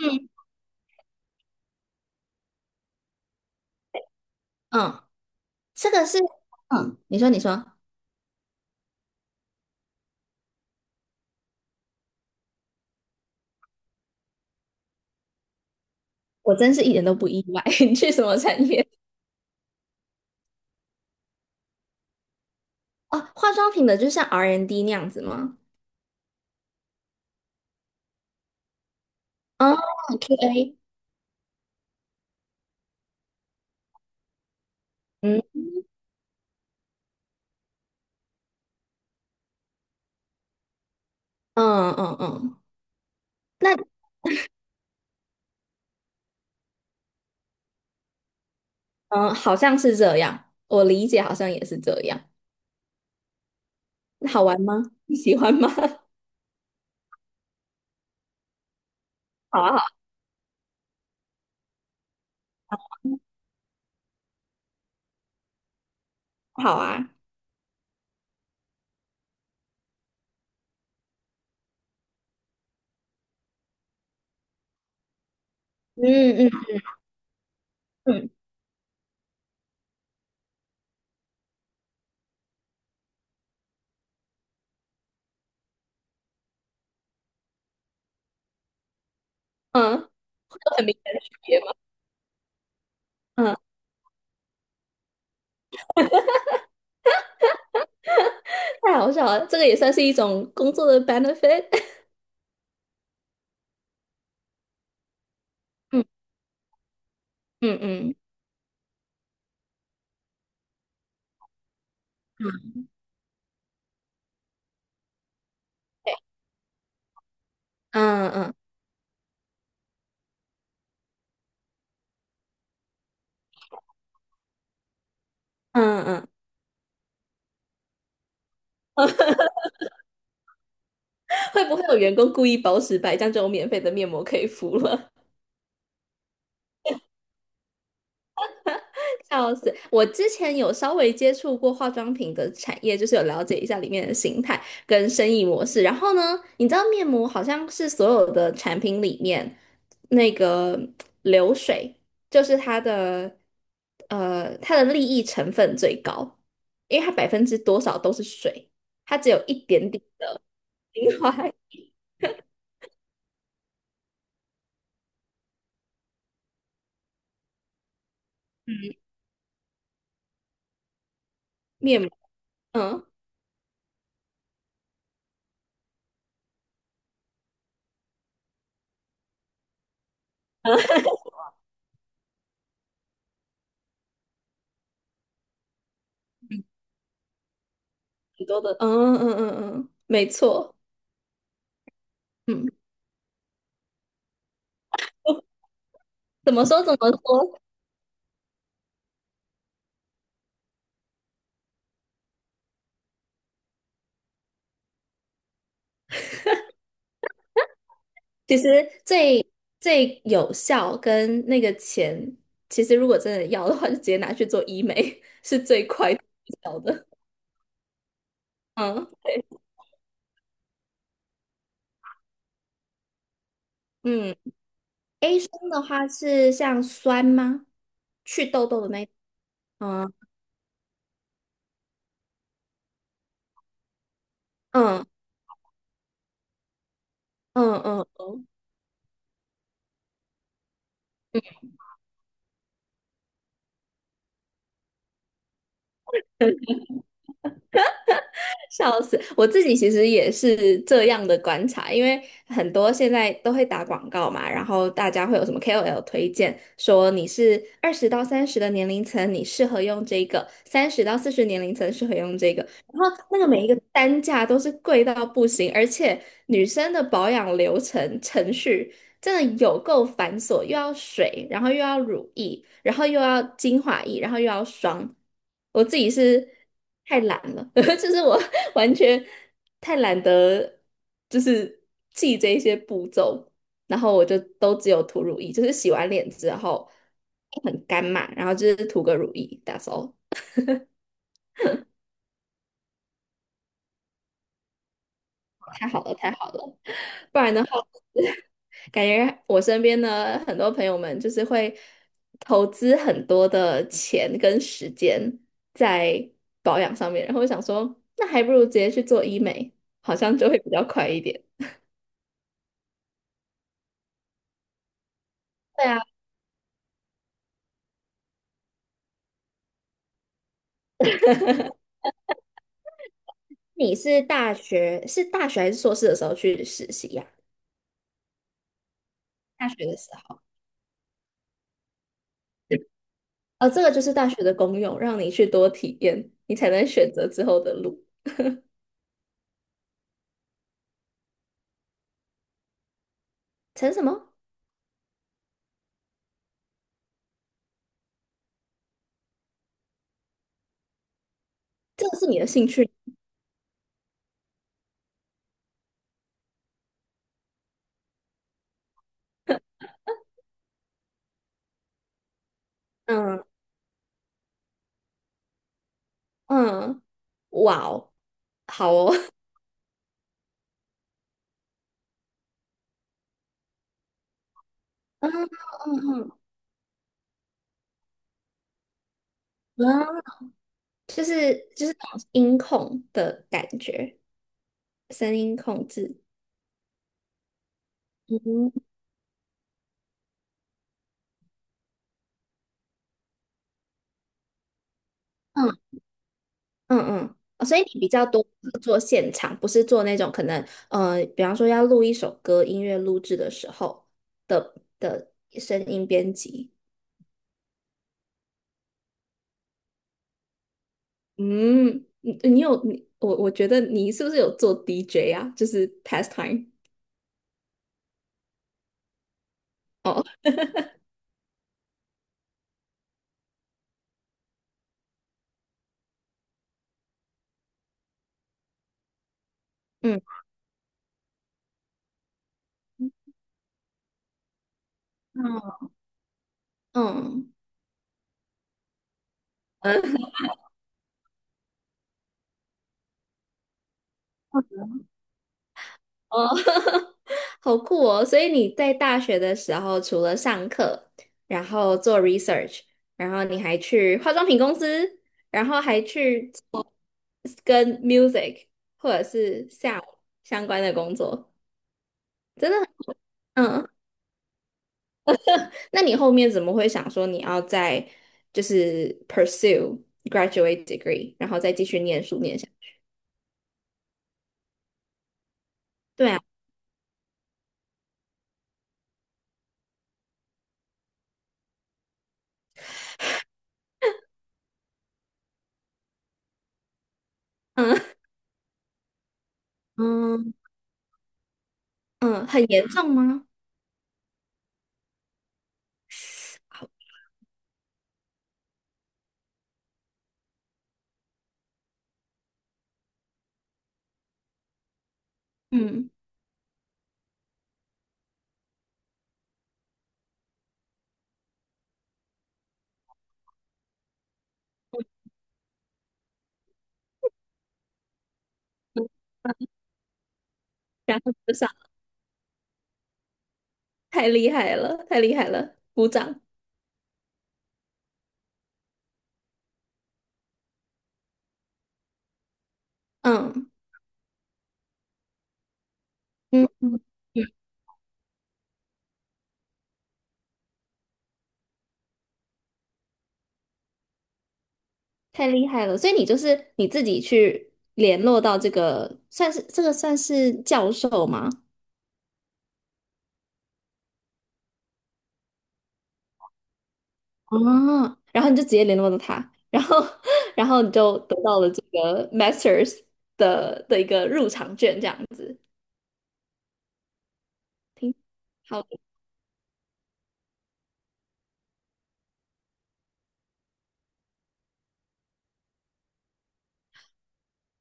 嗯嗯，这个是，你说你说。我真是一点都不意外。你去什么产业？哦，化妆品的，就像 R&D N 那样子吗？哦，QA。嗯嗯嗯嗯。那嗯，好像是这样，我理解好像也是这样。那好玩吗？你喜欢吗？好啊好啊，好啊。嗯嗯嗯嗯。有很明显的区别吗？嗯，太好笑了，这个也算是一种工作的 benefit。嗯嗯嗯嗯嗯嗯嗯嗯。会不会有员工故意包十百，这样就有免费的面膜可以敷了？笑死！我之前有稍微接触过化妆品的产业，就是有了解一下里面的形态跟生意模式。然后呢，你知道面膜好像是所有的产品里面那个流水，就是它的利益成分最高，因为它百分之多少都是水，它只有一点点精华面膜。嗯，很多的。嗯嗯嗯嗯，嗯没错。嗯。怎么说怎么说？其实最最有效跟那个钱，其实如果真的要的话，就直接拿去做医美，是最快最有效的。嗯嗯。A 酸的话是像酸吗？去痘痘的嗯嗯嗯嗯嗯。哦，嗯。 笑死！我自己其实也是这样的观察，因为很多现在都会打广告嘛，然后大家会有什么 KOL 推荐，说你是20到30的年龄层，你适合用这个；30到40年龄层适合用这个。然后那个每一个单价都是贵到不行，而且女生的保养流程程序真的有够繁琐，又要水，然后又要乳液，然后又要精华液，然后又要霜。我自己是太懒了，就是我完全太懒得就是记这些步骤，然后我就都只有涂乳液，就是洗完脸之后很干嘛，然后就是涂个乳液，that's all。太好了，太好了。不然的感觉我身边的很多朋友们就是会投资很多的钱跟时间在保养上面，然后我想说，那还不如直接去做医美，好像就会比较快一点。对啊。你是大学还是硕士的时候去实习呀、大学的时候。呃，这个就是大学的功用，让你去多体验，你才能选择之后的路。成什么？这个是你的兴趣？嗯嗯。哇哦。好哦。嗯嗯嗯嗯。就是那种音控的感觉，声音控制。嗯。嗯嗯嗯。哦，所以你比较多是做现场，不是做那种可能，呃，比方说要录一首歌，音乐录制的时候的声音编辑。嗯。你你有你我觉得你是不是有做 DJ 啊？就是 pastime。哦。嗯嗯。嗯。哦。好酷哦！所以你在大学的时候，除了上课，然后做 research,然后你还去化妆品公司，然后还去跟 music 或者是 sound 相关的工作，真的很嗯。那你后面怎么会想说你要再就是 pursue graduate degree,然后再继续念书念下去。对啊。嗯嗯嗯。很严重吗？嗯。然后。就上。太厉害了，太厉害了，鼓掌。嗯嗯嗯。嗯。太厉害了。所以你就是你自己去联络到这个，算是教授吗？哦，然后你就直接联络到他，然后 然后你就得到了这个 Masters 的一个入场券，这样子。听好的。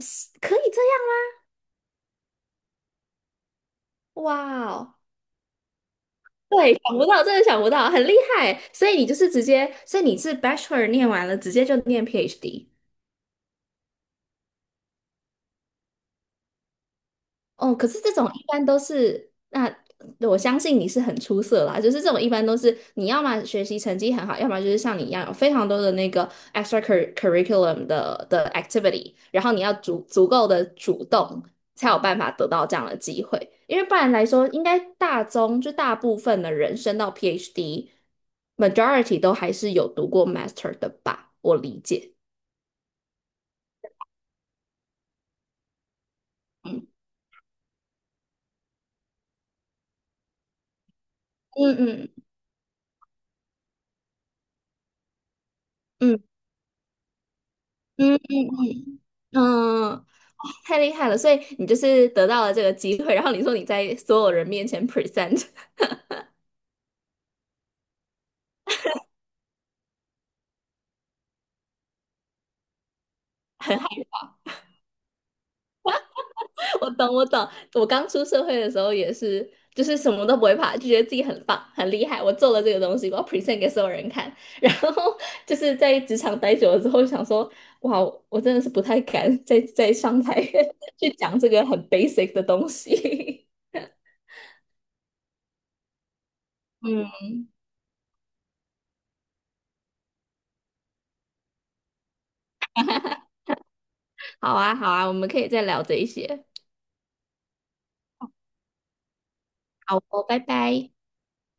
是可以这样。哇哦！对，想不到，真的想不到，很厉害。所以你就是直接，所以你是 Bachelor 念完了，直接就念 PhD。哦，可是这种一般都是。那，我相信你是很出色啦。就是这种一般都是，你要么学习成绩很好，要么就是像你一样有非常多的那个 extra cur- r i c u l u m 的 activity,然后你要足够的主动，才有办法得到这样的机会。因为不然来说，应该大中就大部分的人升到 PhD，majority 都还是有读过 master 的吧？我理解。嗯嗯嗯嗯嗯嗯嗯。嗯。太厉害了！所以你就是得到了这个机会，然后你说你在所有人面前 present,很害怕。我懂我懂。我刚出社会的时候也是，就是什么都不会怕，就觉得自己很棒很厉害，我做了这个东西，我要 present 给所有人看。然后就是在职场待久了之后，想说哇，我真的是不太敢再上台 去讲这个很 basic 的东西。嗯。好啊好啊，我们可以再聊这一些。好哦，拜拜。